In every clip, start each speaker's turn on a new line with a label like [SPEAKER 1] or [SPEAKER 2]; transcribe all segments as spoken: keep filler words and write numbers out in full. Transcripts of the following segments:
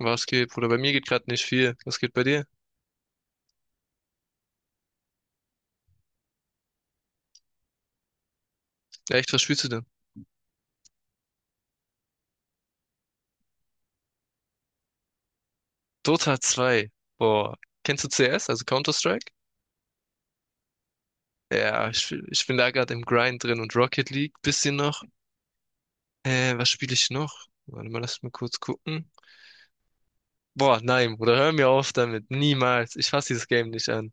[SPEAKER 1] Was geht, Bruder? Bei mir geht gerade nicht viel. Was geht bei dir? Ja, echt, was spielst du denn? Dota zwei. Boah. Kennst du C S, also Counter-Strike? Ja, ich, spiel- ich bin da gerade im Grind drin und Rocket League. Bisschen noch. Äh, was spiele ich noch? Warte mal, lass mich kurz gucken. Boah, nein, Bruder, hör mir auf damit. Niemals. Ich fasse dieses Game nicht an.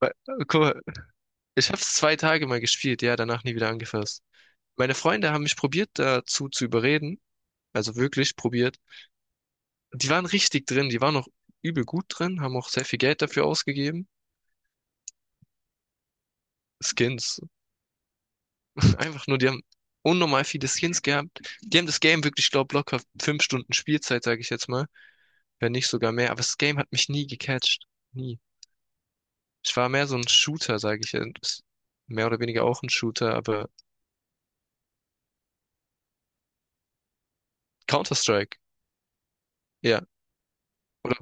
[SPEAKER 1] Weil- Guck mal, ich habe es zwei Tage mal gespielt, ja, danach nie wieder angefasst. Meine Freunde haben mich probiert, dazu zu überreden. Also wirklich probiert. Die waren richtig drin, die waren auch übel gut drin, haben auch sehr viel Geld dafür ausgegeben. Skins. Pff, Einfach nur, die haben unnormal viele Skins gehabt. Die haben das Game wirklich, ich glaube, locker fünf Stunden Spielzeit, sage ich jetzt mal. Wenn nicht sogar mehr. Aber das Game hat mich nie gecatcht. Nie. Ich war mehr so ein Shooter, sage ich jetzt. Mehr oder weniger auch ein Shooter, aber Counter-Strike. Ja. Oder,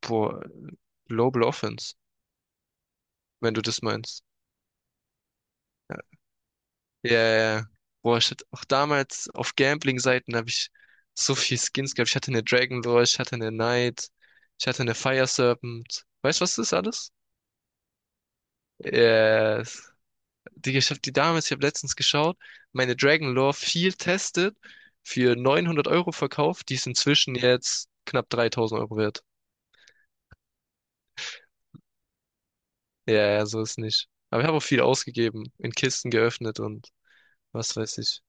[SPEAKER 1] boah, Global Offense, wenn du das meinst. Ja, ja, ja. Boah, ich hatte auch damals auf Gambling-Seiten habe ich so viel Skins gehabt. Ich hatte eine Dragon Lore, ich hatte eine Knight, ich hatte eine Fire Serpent. Weißt du, was das ist alles? Yes. Digga, ich hab die damals, ich habe letztens geschaut, meine Dragon Lore viel testet, für neunhundert Euro verkauft, die ist inzwischen jetzt knapp dreitausend Euro wert. Ja, ja, so ist nicht. Aber ich habe auch viel ausgegeben, in Kisten geöffnet und was weiß ich.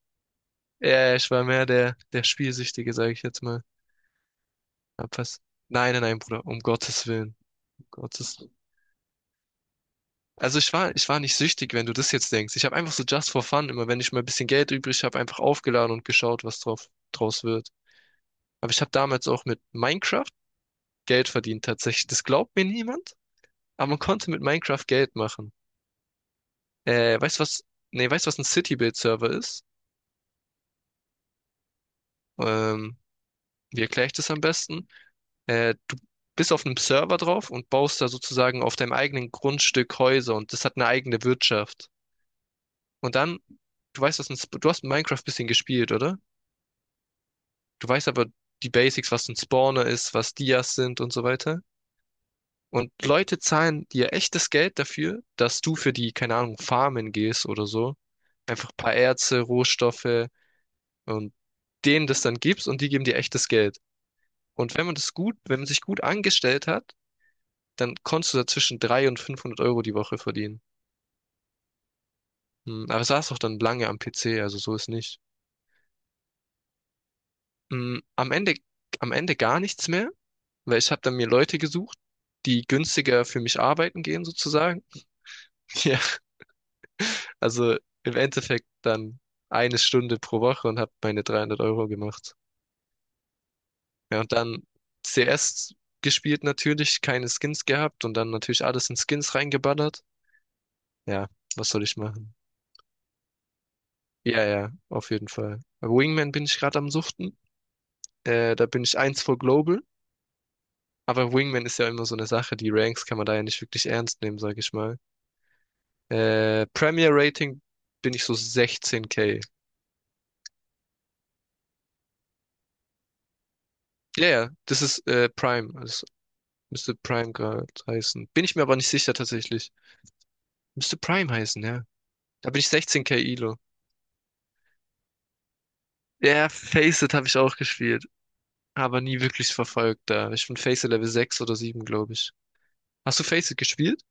[SPEAKER 1] Ja, ja, ich war mehr der, der Spielsüchtige, sage ich jetzt mal. Abpassen. Nein, nein, nein, Bruder, um Gottes Willen. Um Gottes Willen. Also ich war, ich war nicht süchtig, wenn du das jetzt denkst. Ich habe einfach so just for fun, immer wenn ich mal ein bisschen Geld übrig habe, einfach aufgeladen und geschaut, was drauf, draus wird. Aber ich habe damals auch mit Minecraft Geld verdient tatsächlich. Das glaubt mir niemand, aber man konnte mit Minecraft Geld machen. Äh, weißt du was? Nee, weißt du, was ein City-Build-Server ist? Ähm, Wie erkläre ich das am besten? Äh, du bist auf einem Server drauf und baust da sozusagen auf deinem eigenen Grundstück Häuser und das hat eine eigene Wirtschaft. Und dann, du weißt, was ein, Sp- du hast Minecraft ein bisschen gespielt, oder? Du weißt aber die Basics, was ein Spawner ist, was Dias sind und so weiter. Und Leute zahlen dir echtes Geld dafür, dass du für die, keine Ahnung, Farmen gehst oder so. Einfach ein paar Erze, Rohstoffe und denen das dann gibst und die geben dir echtes Geld. Und wenn man das gut, wenn man sich gut angestellt hat, dann konntest du da zwischen dreihundert und fünfhundert Euro die Woche verdienen. Hm, Aber saß auch dann lange am P C, also so ist nicht. Hm, Am Ende, am Ende gar nichts mehr. Weil ich habe dann mir Leute gesucht, die günstiger für mich arbeiten gehen sozusagen. Ja. Also im Endeffekt dann eine Stunde pro Woche und habe meine dreihundert Euro gemacht. Ja, und dann C S gespielt natürlich, keine Skins gehabt und dann natürlich alles in Skins reingeballert. Ja, was soll ich machen? Ja, ja, auf jeden Fall. Bei Wingman bin ich gerade am Suchten. Äh, da bin ich eins vor Global. Aber Wingman ist ja immer so eine Sache, die Ranks kann man da ja nicht wirklich ernst nehmen, sag ich mal. Äh, Premier Rating bin ich so sechzehn k. Ja, ja, das ist äh, Prime. Das müsste Prime gerade heißen. Bin ich mir aber nicht sicher tatsächlich. Müsste Prime heißen, ja. Da bin ich sechzehn k Elo. Ja, Faceit habe ich auch gespielt, aber nie wirklich verfolgt da. Ich bin Faceit Level sechs oder sieben, glaube ich. Hast du Faceit gespielt?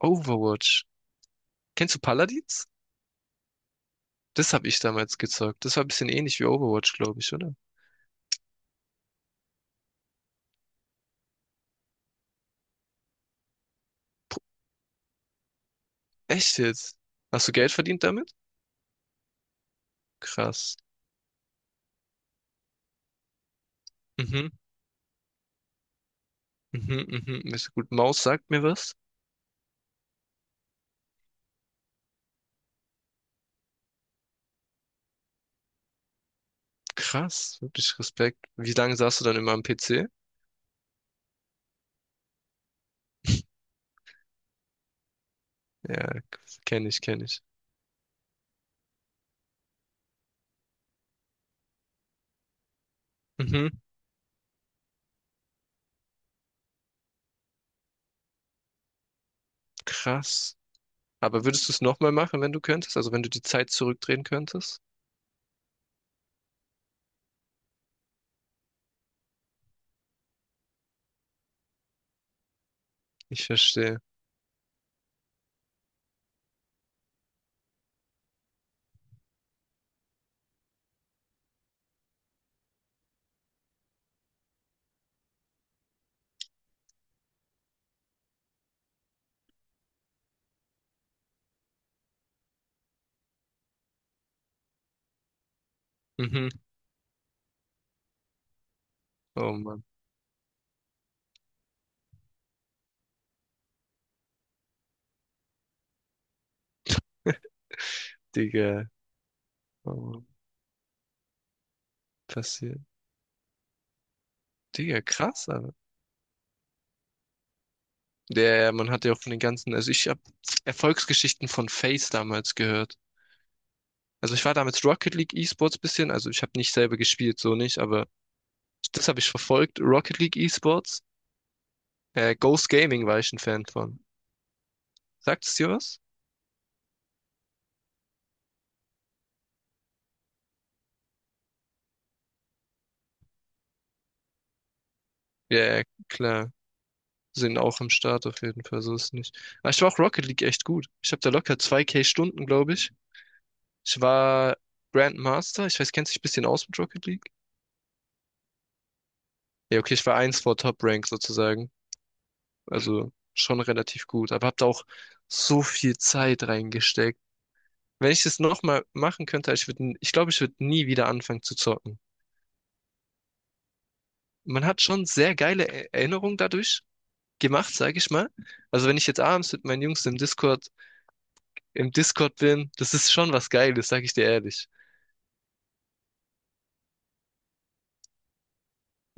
[SPEAKER 1] Overwatch. Kennst du Paladins? Das habe ich damals gezockt. Das war ein bisschen ähnlich wie Overwatch, glaube ich, oder? Echt jetzt? Hast du Geld verdient damit? Krass. Mhm. Mhm, mhm, ist gut. Maus sagt mir was. Krass, wirklich Respekt. Wie lange saßt du dann immer am P C? Ja, kenne ich, kenne ich. Mhm, krass. Aber würdest du es nochmal machen, wenn du könntest? Also wenn du die Zeit zurückdrehen könntest? Ich verstehe. Mhm. Oh Mann, Digga. Oh Mann, passiert. Digga, krass, aber. Der, man hat ja auch von den ganzen, also ich habe Erfolgsgeschichten von FaZe damals gehört. Also ich war damals Rocket League E-Sports bisschen, also ich habe nicht selber gespielt, so nicht, aber das habe ich verfolgt. Rocket League Esports. Äh, Ghost Gaming war ich ein Fan von. Sagt es dir was? Ja, ja, klar. Sind auch am Start auf jeden Fall, so ist es nicht. Aber ich war auch Rocket League echt gut. Ich habe da locker zwei k Stunden, glaube ich. Ich war Grandmaster. Ich weiß, kennst du dich ein bisschen aus mit Rocket League? Ja, okay, ich war eins vor Top Rank sozusagen. Also schon relativ gut. Aber hab da auch so viel Zeit reingesteckt. Wenn ich das nochmal machen könnte, ich würde, ich glaube, ich würde nie wieder anfangen zu zocken. Man hat schon sehr geile Er- Erinnerungen dadurch gemacht, sage ich mal. Also wenn ich jetzt abends mit meinen Jungs im Discord, im Discord bin, das ist schon was Geiles, sage ich dir ehrlich.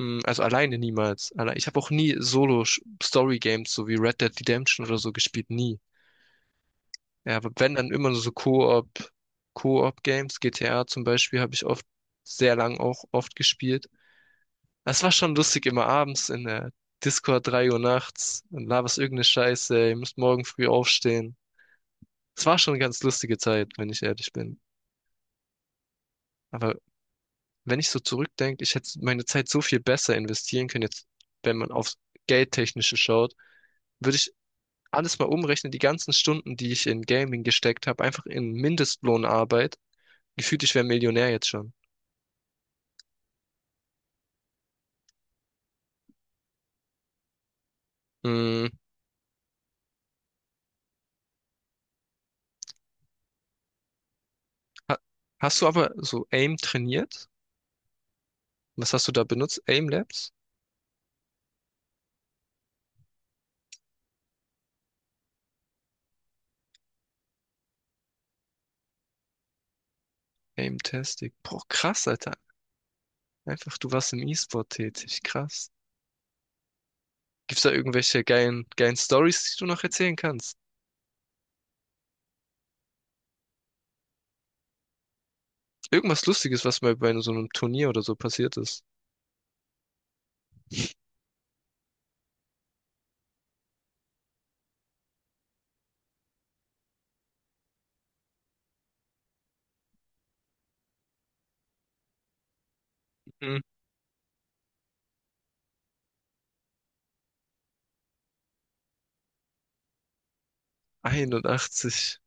[SPEAKER 1] Mm, Also alleine niemals. Alle- Ich habe auch nie Solo-Story-Games, so wie Red Dead Redemption oder so, gespielt. Nie. Ja, aber wenn dann immer nur so Koop, Koop-Games, G T A zum Beispiel, habe ich oft, sehr lang auch oft gespielt. Das war schon lustig, immer abends in der Discord drei Uhr nachts und laberst irgendeine Scheiße, ihr müsst morgen früh aufstehen. Es war schon eine ganz lustige Zeit, wenn ich ehrlich bin. Aber wenn ich so zurückdenke, ich hätte meine Zeit so viel besser investieren können, jetzt, wenn man aufs Geldtechnische schaut, würde ich alles mal umrechnen, die ganzen Stunden, die ich in Gaming gesteckt habe, einfach in Mindestlohnarbeit. Gefühlt, ich wäre Millionär jetzt schon. Mm, ha hast du aber so AIM trainiert? Was hast du da benutzt? AIM Labs? AIM Tastic. Boah, krass, Alter. Einfach, du warst im E-Sport tätig. Krass. Gibt's da irgendwelche geilen, geilen Stories, die du noch erzählen kannst? Irgendwas Lustiges, was mal bei so einem Turnier oder so passiert ist. Einundachtzig.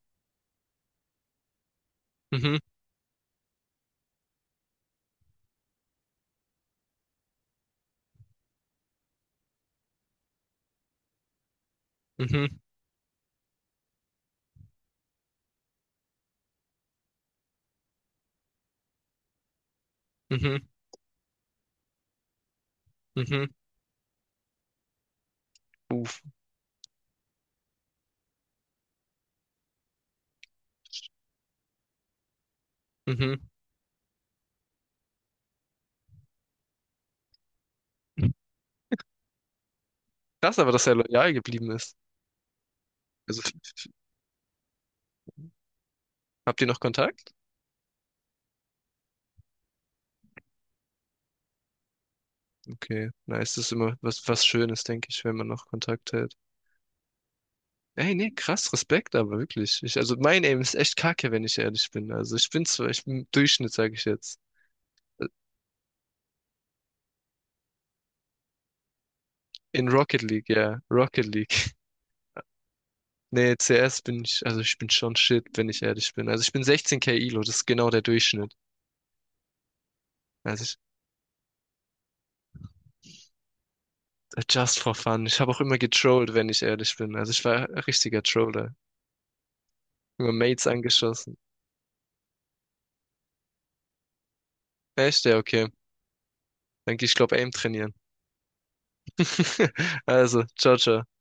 [SPEAKER 1] Mhm, mhm, mhm, mhm. Uff, mhm. Krass, aber dass er loyal geblieben ist. Also, habt ihr noch Kontakt? Okay, nice. Das ist immer was, was Schönes, denke ich, wenn man noch Kontakt hält. Ey, nee, krass, Respekt, aber wirklich. Ich, also, mein Aim ist echt kacke, wenn ich ehrlich bin. Also, ich bin zwar, ich bin Durchschnitt, sage ich jetzt. In Rocket League, ja, Rocket League. Nee, C S bin ich, also ich bin schon shit, wenn ich ehrlich bin. Also ich bin sechzehn k Elo, das ist genau der Durchschnitt. Also just for fun. Ich habe auch immer getrollt, wenn ich ehrlich bin. Also ich war ein richtiger Troller. Immer Mates angeschossen. Echt? Ja, okay. Dann geh ich glaube Aim trainieren. Also, ciao, ciao.